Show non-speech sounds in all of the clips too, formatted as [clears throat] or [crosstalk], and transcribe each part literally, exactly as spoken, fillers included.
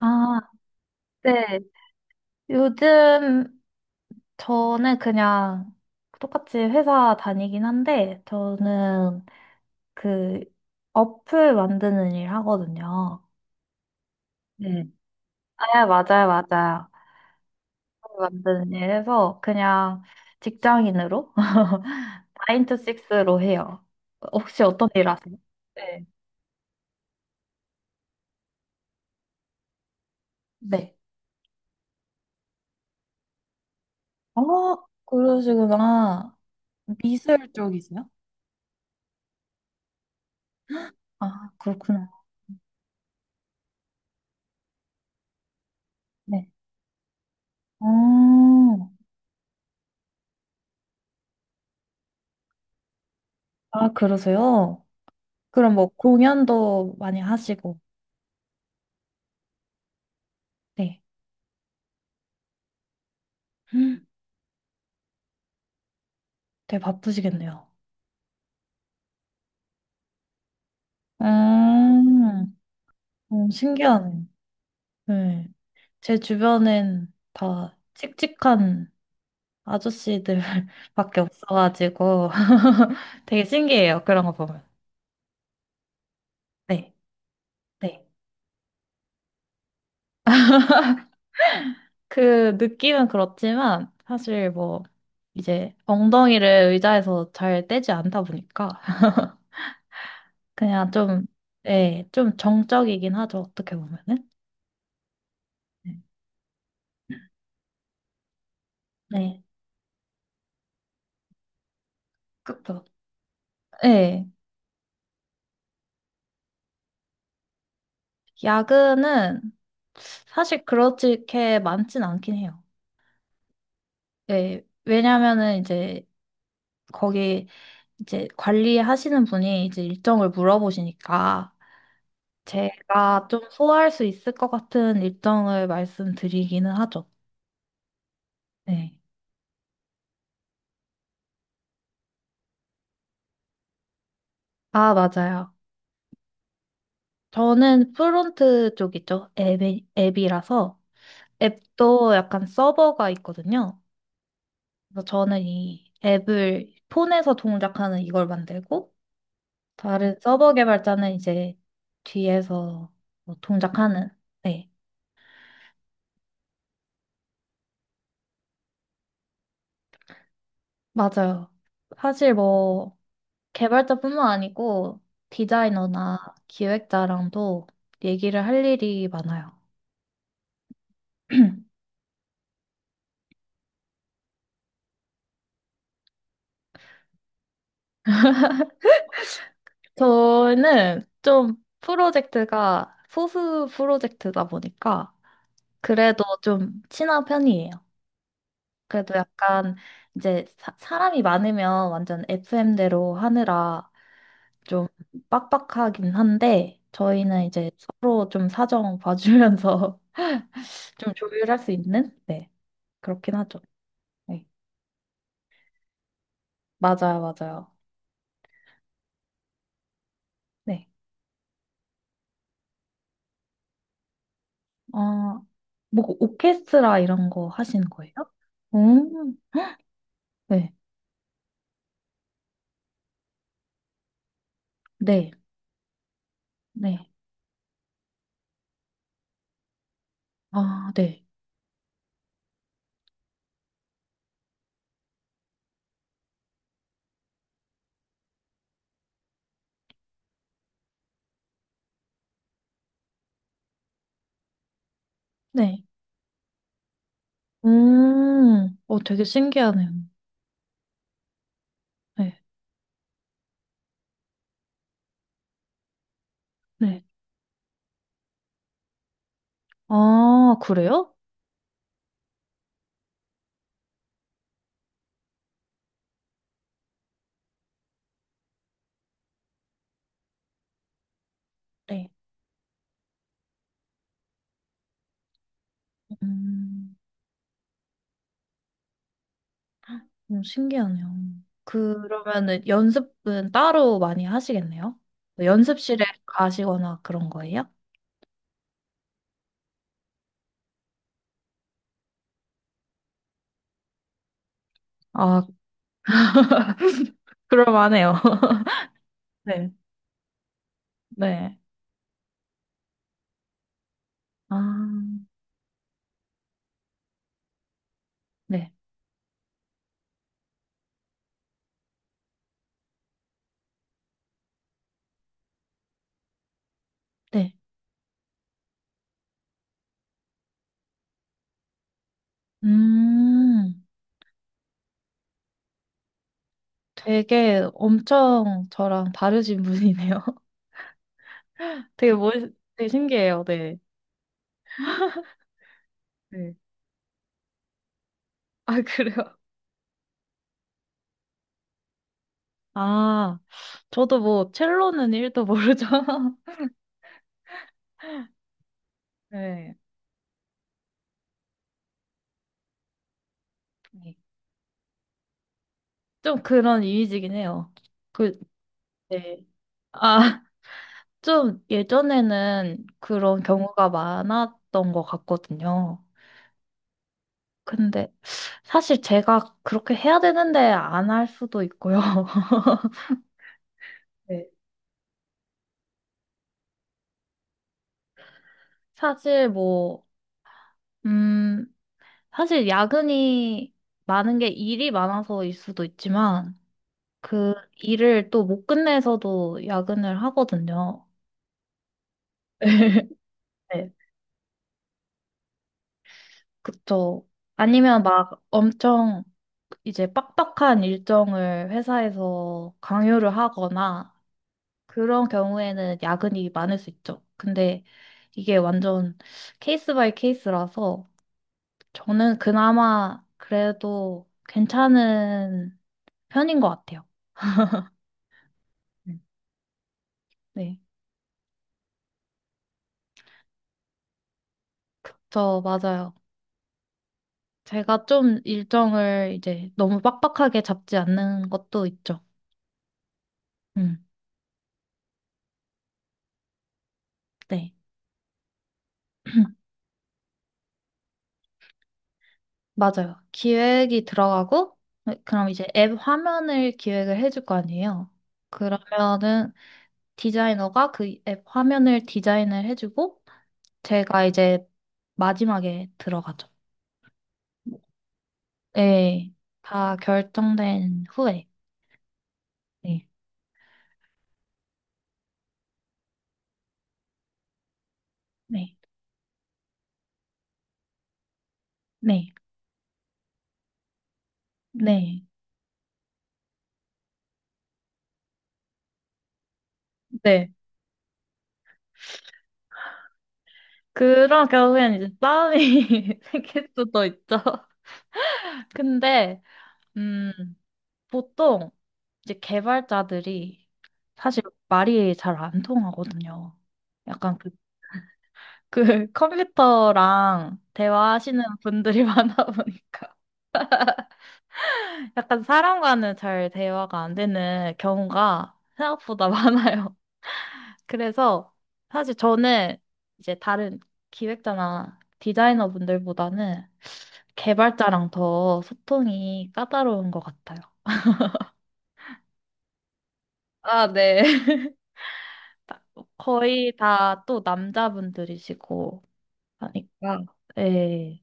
아, 네. 요즘 저는 그냥 똑같이 회사 다니긴 한데, 저는 그 어플 만드는 일 하거든요. 네. 아, 맞아요, 맞아요. 어플 만드는 일 해서 그냥 직장인으로 [laughs] 나인투식스로 해요. 혹시 어떤 일 하세요? 네. 네. 아, 그러시구나. 미술 쪽이세요? 아, 그렇구나. 네. 어, 아, 그러세요? 그럼 뭐 공연도 많이 하시고, 네. 헉, 되게 바쁘시겠네요. 음, 음, 신기하네. 네. 제 주변엔 다 칙칙한 아저씨들밖에 [laughs] 없어가지고 [laughs] 되게 신기해요. 그런 거 보면. 네, 네. 그 느낌은 그렇지만 사실 뭐 이제 엉덩이를 의자에서 잘 떼지 않다 보니까 그냥 좀, 네, 좀 정적이긴 하죠. 어떻게 보면은. 네. 네. 그쵸? 네. 야근은 사실 그렇게 많진 않긴 해요. 네, 왜냐면은 이제 거기 이제 관리하시는 분이 이제 일정을 물어보시니까 제가 좀 소화할 수 있을 것 같은 일정을 말씀드리기는 하죠. 네. 아, 맞아요. 저는 프론트 쪽이죠. 앱이, 앱이라서 앱도 약간 서버가 있거든요. 그래서 저는 이 앱을 폰에서 동작하는 이걸 만들고 다른 서버 개발자는 이제 뒤에서 뭐 동작하는. 네, 맞아요. 사실 뭐 개발자뿐만 아니고 디자이너나 기획자랑도 얘기를 할 일이 많아요. [clears throat] 저는 좀 프로젝트가 소수 프로젝트다 보니까 그래도 좀 친한 편이에요. 그래도 약간 이제 사, 사람이 많으면 완전 에프엠대로 하느라 좀 빡빡하긴 한데 저희는 이제 서로 좀 사정 봐주면서 [laughs] 좀 조율할 수 있는, 네, 그렇긴 하죠. 네, 맞아요, 맞아요. 네. 어, 뭐 오케스트라 이런 거 하시는 거예요? 음, 네, 네, 네, 아, 네, 네. 음, 어, 되게 신기하네요. 네, 네. 아, 그래요? 네. 음. 음, 신기하네요. 그러면은 연습은 따로 많이 하시겠네요? 연습실에 가시거나 그런 거예요? 아, 그럴만해요. [laughs] 네, 네. 아, 네, 네. 음, 되게 엄청 저랑 다르신 분이네요. [laughs] 되게 멋, 되게 신기해요. 네. 네. 아, 그래요? 아, 저도 뭐 첼로는 일도 모르죠. [laughs] 네. 네. 좀 그런 이미지긴 해요. 그, 네. 아, 좀 예전에는 그런 음 경우가 많았던 것 같거든요. 근데 사실 제가 그렇게 해야 되는데 안 할 수도 있고요. [laughs] 네. 사실 뭐, 음, 사실 야근이 많은 게 일이 많아서일 수도 있지만 그 일을 또 못 끝내서도 야근을 하거든요. [laughs] 네, 그쵸. 아니면 막 엄청 이제 빡빡한 일정을 회사에서 강요를 하거나 그런 경우에는 야근이 많을 수 있죠. 근데 이게 완전 케이스 바이 케이스라서 저는 그나마 그래도 괜찮은 편인 것 같아요. 음. 네. 저 맞아요. 제가 좀 일정을 이제 너무 빡빡하게 잡지 않는 것도 있죠. 음, 네. [clears throat] 맞아요. 기획이 들어가고, 네, 그럼 이제 앱 화면을 기획을 해줄 거 아니에요. 그러면은 디자이너가 그 앱 화면을 디자인을 해주고 제가 이제 마지막에 들어가죠. 네, 다 결정된 후에. 네, 네, 네, 네, 네. 그런 경우에는 이제 싸움이 [laughs] 생길 수도 있죠. 근데, 음, 보통 이제 개발자들이 사실 말이 잘 안 통하거든요. 약간 그, 그 [laughs] 컴퓨터랑 대화하시는 분들이 [laughs] 많아 보니까. 약간 사람과는 잘 대화가 안 되는 경우가 생각보다 [laughs] 많아요. 그래서 사실 저는 이제 다른 기획자나 디자이너 분들보다는 개발자랑 더 소통이 까다로운 것 같아요. 아, 네. [laughs] 다- 거의 다 또 남자분들이시고 하니까, 네,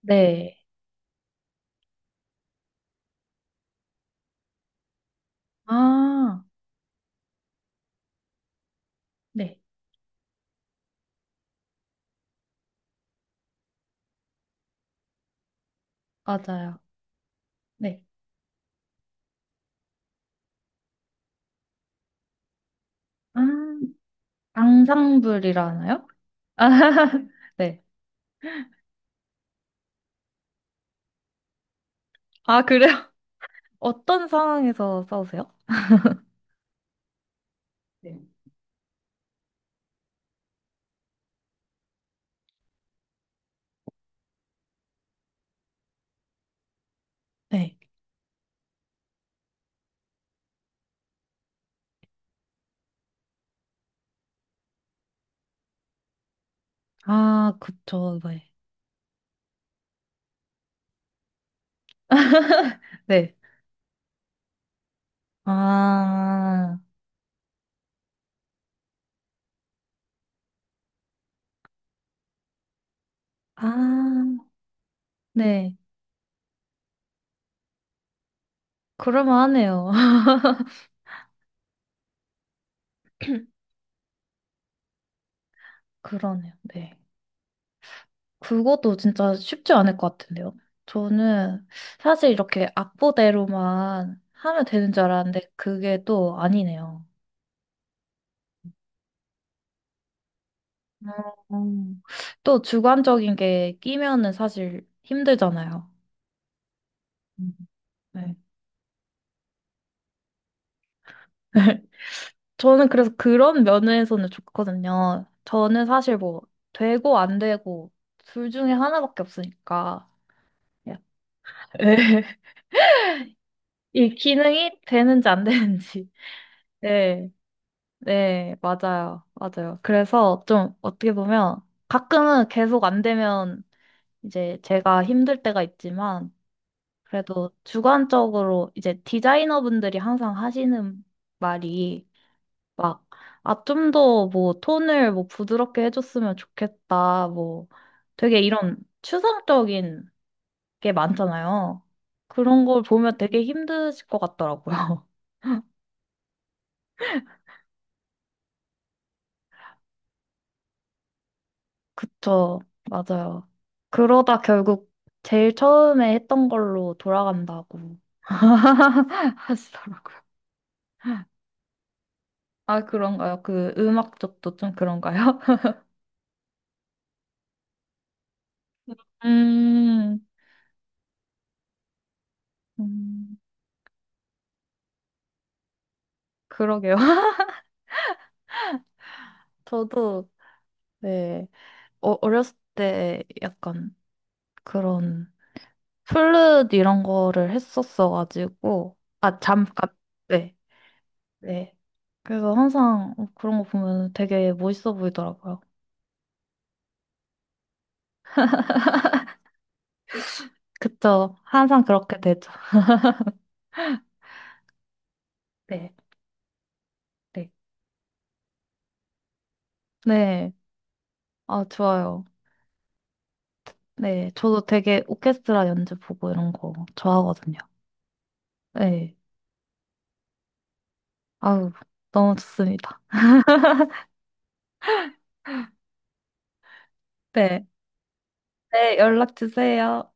네. 아, 네, 맞아요. 네. 아, 앙상블이라나요? [laughs] 네. 아, 그래? 어떤 상황에서 싸우세요? 네. 네. 아, 그쵸. 네. [laughs] 네. 아, 아, 네. 그럴만하네요. [laughs] 그러네요. 네. 그것도 진짜 쉽지 않을 것 같은데요. 저는 사실 이렇게 악보대로만 하면 되는 줄 알았는데 그게 또 아니네요. 음. 또 주관적인 게 끼면은 사실 힘들잖아요. 음. 네. [laughs] 저는 그래서 그런 면에서는 좋거든요. 저는 사실 뭐 되고 안 되고 둘 중에 하나밖에 없으니까. 예. [laughs] 이 기능이 되는지 안 되는지. 네. 네, 맞아요. 맞아요. 그래서 좀 어떻게 보면 가끔은 계속 안 되면 이제 제가 힘들 때가 있지만 그래도 주관적으로 이제 디자이너분들이 항상 하시는 말이 막, 아, 좀 더 뭐 톤을 뭐 부드럽게 해줬으면 좋겠다. 뭐 되게 이런 추상적인 게 많잖아요. 그런 걸 보면 되게 힘드실 것 같더라고요. [laughs] 그쵸. 맞아요. 그러다 결국 제일 처음에 했던 걸로 돌아간다고 [laughs] 하시더라고요. 아, 그런가요? 그 음악 쪽도 좀 그런가요? [laughs] 음, 음, 그러게요. [laughs] 저도, 네, 어, 어렸을 때 약간 그런 플룻 이런 거를 했었어가지고, 아, 잠깐. 네. 네. 그래서 항상 그런 거 보면 되게 멋있어 보이더라고요. 그쵸. 항상 그렇게 되죠. 네. 네. 네. 아, 좋아요. 네. 저도 되게 오케스트라 연주 보고 이런 거 좋아하거든요. 네. 아우, 너무 좋습니다. 네. 네, 연락 주세요.